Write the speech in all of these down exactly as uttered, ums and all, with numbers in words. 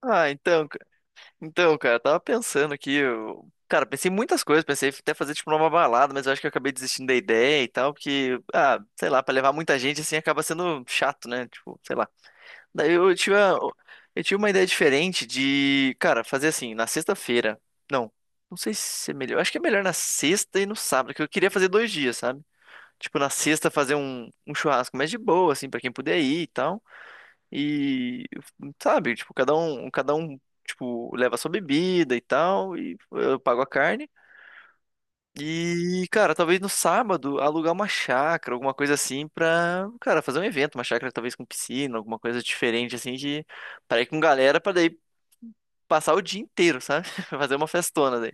Ah, então, ca- então, cara, eu tava pensando aqui, eu- cara, pensei em muitas coisas, pensei até fazer tipo uma balada, mas eu acho que eu acabei desistindo da ideia e tal, porque, ah, sei lá, pra levar muita gente assim acaba sendo chato, né? Tipo, sei lá. Daí eu tive, a- eu tive uma ideia diferente de, cara, fazer assim, na sexta-feira. Não, não sei se é melhor. Eu acho que é melhor na sexta e no sábado, que eu queria fazer dois dias, sabe? Tipo, na sexta fazer um, um churrasco mais de boa, assim, pra quem puder ir e tal. E, sabe, tipo, cada um, cada um, tipo, leva a sua bebida e tal, e eu pago a carne. E, cara, talvez no sábado alugar uma chácara, alguma coisa assim, pra, cara, fazer um evento, uma chácara talvez com piscina, alguma coisa diferente assim, de pra ir com galera pra daí passar o dia inteiro, sabe? Fazer uma festona daí.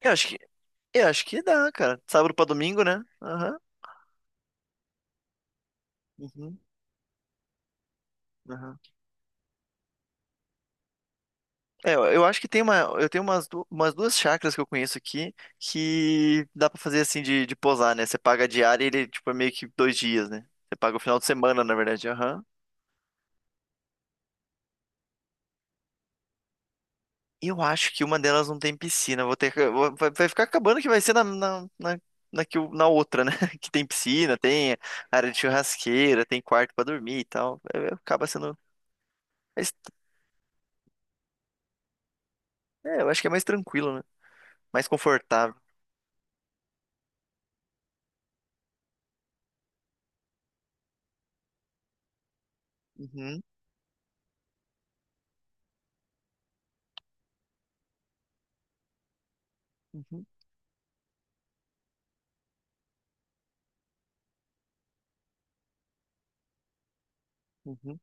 Eu acho que, eu acho que dá, cara. Sábado pra domingo, né? Aham. Uhum. Aham. É, eu eu acho que tem uma, eu tenho umas, du- umas duas chácaras que eu conheço aqui que dá pra fazer assim de, de posar, né? Você paga a diária e ele, tipo, é meio que dois dias, né? Você paga o final de semana, na verdade. Aham. Eu acho que uma delas não tem piscina. Vou ter, que- vou- vai, vai ficar acabando que vai ser na, na, na, na, que o- na outra, né? Que tem piscina, tem área de churrasqueira, tem quarto pra dormir e tal. É, é, Acaba sendo. mais- É, eu acho que é mais tranquilo, né? Mais confortável. Uhum, uhum, uhum.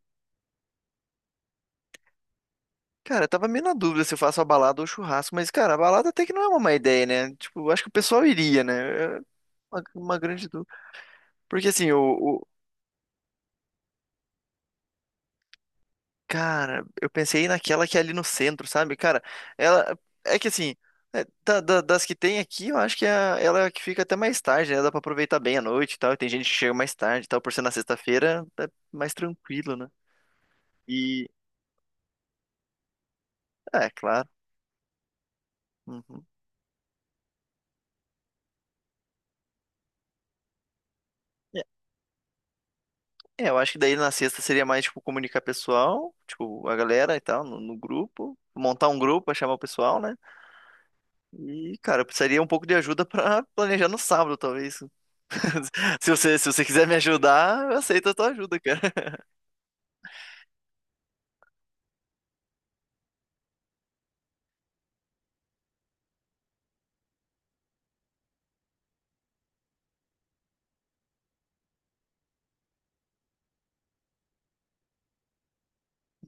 Cara, eu tava meio na dúvida se eu faço a balada ou o churrasco, mas, cara, a balada até que não é uma má ideia, né? Tipo, eu acho que o pessoal iria, né? É Uma, uma grande dúvida. Porque assim, o, cara, eu pensei naquela que é ali no centro, sabe? Cara, ela. É que assim, é, da- da- das que tem aqui, eu acho que é a- ela é a que fica até mais tarde, né? Dá pra aproveitar bem a noite e tal. E tem gente que chega mais tarde e tal. Por ser na sexta-feira, é mais tranquilo, né? E. É, claro. Uhum. É, é, eu acho que daí na sexta seria mais, tipo, comunicar pessoal, tipo, a galera e tal, no, no grupo. Montar um grupo pra chamar o pessoal, né? E, cara, eu precisaria um pouco de ajuda pra planejar no sábado, talvez. Se você, se você quiser me ajudar, eu aceito a tua ajuda, cara.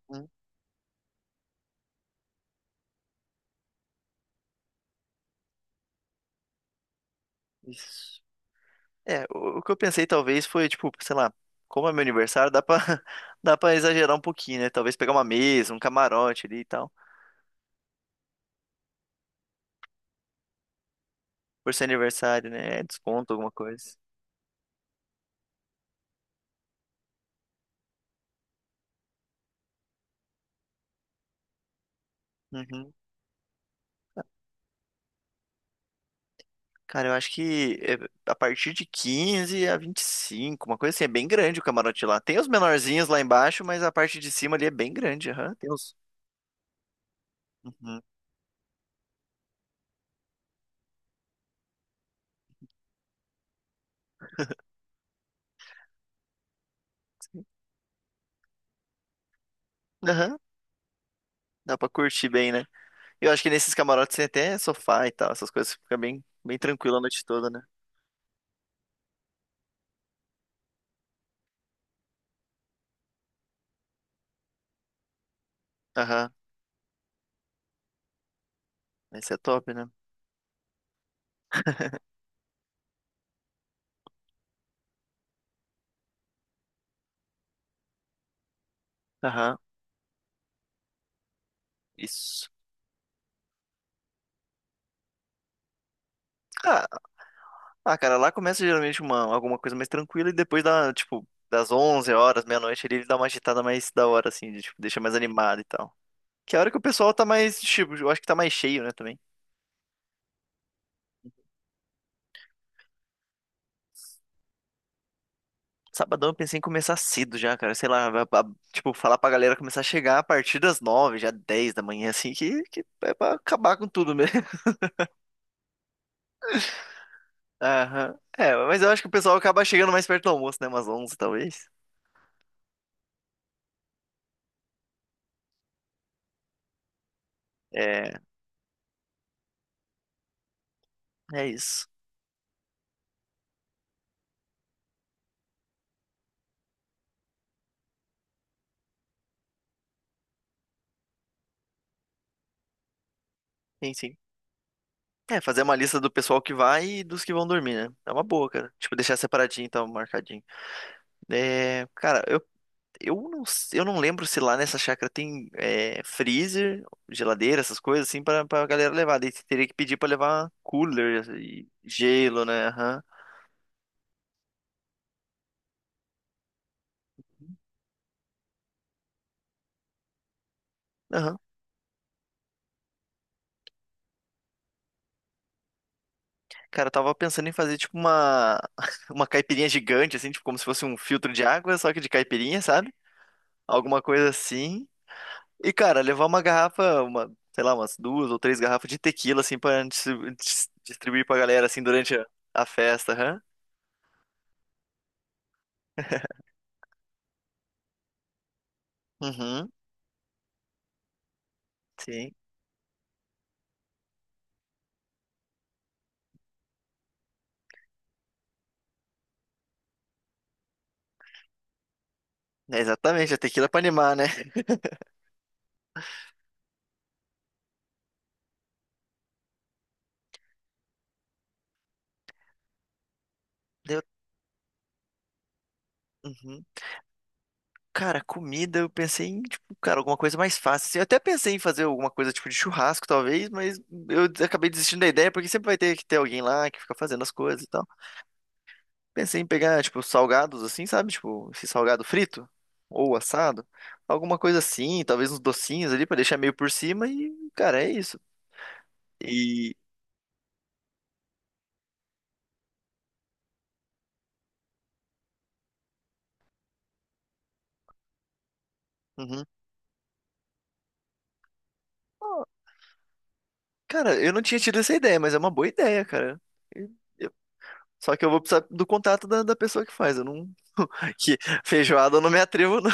Hum. Isso. É, o, o que eu pensei talvez foi, tipo, sei lá, como é meu aniversário, dá pra, dá pra exagerar um pouquinho, né? Talvez pegar uma mesa, um camarote ali e tal. Por ser aniversário, né? É. Desconto, alguma coisa. Uhum. Cara, eu acho que é a partir de quinze a vinte e cinco, uma coisa assim, é bem grande o camarote lá. Tem os menorzinhos lá embaixo, mas a parte de cima ali é bem grande, aham. Tem os. Uhum. Sim. Aham. Dá pra curtir bem, né? Eu acho que nesses camarotes tem até sofá e tal, essas coisas fica bem, bem tranquilo a noite toda, né? Aham. Esse é top, né? Aham. Isso. Ah, ah, cara, lá começa geralmente uma, alguma coisa mais tranquila e depois dá, tipo, das onze horas, meia-noite ali, ele dá uma agitada mais da hora, assim, de, tipo, deixa mais animado e tal. Que é a hora que o pessoal tá mais, tipo, eu acho que tá mais cheio, né, também. Sabadão eu pensei em começar cedo já, cara. Sei lá, a- a- tipo, falar pra galera começar a chegar a partir das nove, já dez da manhã, assim, que, que é pra acabar com tudo mesmo. Aham. É, mas eu acho que o pessoal acaba chegando mais perto do almoço, né? Umas onze, talvez. É, é isso. Sim, sim. É, fazer uma lista do pessoal que vai e dos que vão dormir, né? É uma boa, cara. Tipo, deixar separadinho, então, marcadinho. É, cara, eu Eu não, eu não lembro se lá nessa chácara tem é, freezer, geladeira, essas coisas assim, pra, pra galera levar. Daí você teria que pedir pra levar cooler e gelo, né? Aham. Aham. Cara, eu tava pensando em fazer tipo uma, uma caipirinha gigante, assim, tipo como se fosse um filtro de água, só que de caipirinha, sabe? Alguma coisa assim. E, cara, levar uma garrafa, uma, sei lá, umas duas ou três garrafas de tequila, assim, pra dis- dis- distribuir pra galera, assim, durante a, a festa, aham. Uhum, sim. É exatamente, a tequila é pra animar, né? Eu- uhum. Cara, comida, eu pensei em, tipo, cara, alguma coisa mais fácil, assim. Eu até pensei em fazer alguma coisa tipo de churrasco, talvez, mas eu acabei desistindo da ideia, porque sempre vai ter que ter alguém lá que fica fazendo as coisas e tal. Pensei em pegar, tipo, salgados assim, sabe? Tipo, esse salgado frito ou assado. Alguma coisa assim, talvez uns docinhos ali pra deixar meio por cima e, cara, é isso. E. Uhum. Ó, cara, eu não tinha tido essa ideia, mas é uma boa ideia, cara. Só que eu vou precisar do contato da, da pessoa que faz. Eu não. Que feijoada eu não me atrevo, não.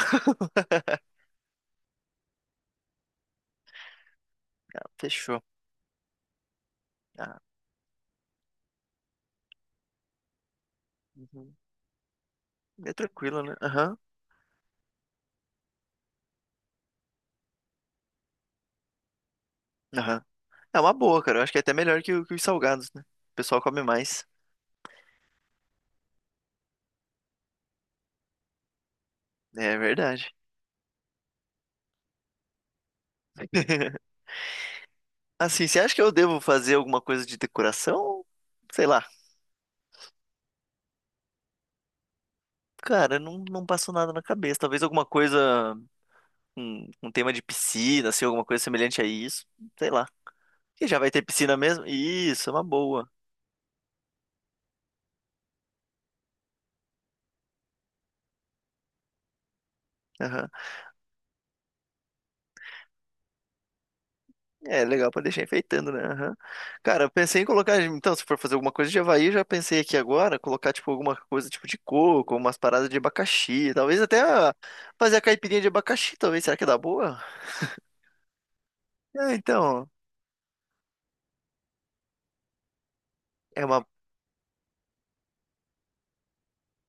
Fechou. Ah, uhum. É tranquilo, né? Aham. Aham. É uma boa, cara. Eu acho que é até melhor que, o- que os salgados, né? O pessoal come mais. É verdade. Assim, você acha que eu devo fazer alguma coisa de decoração? Sei lá. Cara, não, não passou nada na cabeça. Talvez alguma coisa, um, um tema de piscina, assim, alguma coisa semelhante a isso. Sei lá. Que já vai ter piscina mesmo? Isso, é uma boa. É legal pra deixar enfeitando, né? Aham. Cara, eu pensei em colocar. Então, se for fazer alguma coisa de Havaí, eu já pensei aqui agora, colocar, tipo, alguma coisa tipo de coco, umas paradas de abacaxi. Talvez até ah, fazer a caipirinha de abacaxi, talvez. Será que dá boa? É, então. É uma.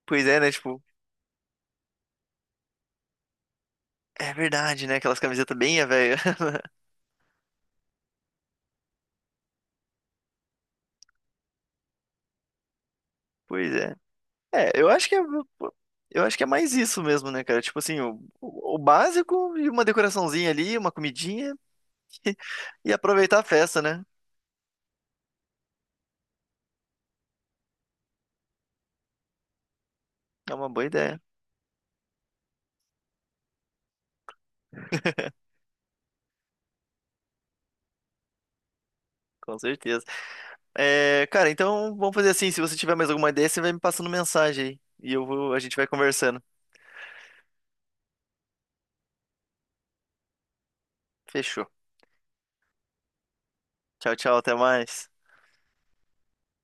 Pois é, né? Tipo, é verdade, né? Aquelas camisetas bem ah, velho. Pois é. É, eu acho que é. Eu acho que é mais isso mesmo, né, cara? Tipo assim, o, o básico e uma decoraçãozinha ali, uma comidinha e aproveitar a festa, né? É uma boa ideia, com certeza. É, cara, então vamos fazer assim. Se você tiver mais alguma ideia, você vai me passando mensagem aí. E eu vou, a gente vai conversando. Fechou. Tchau, tchau, até mais.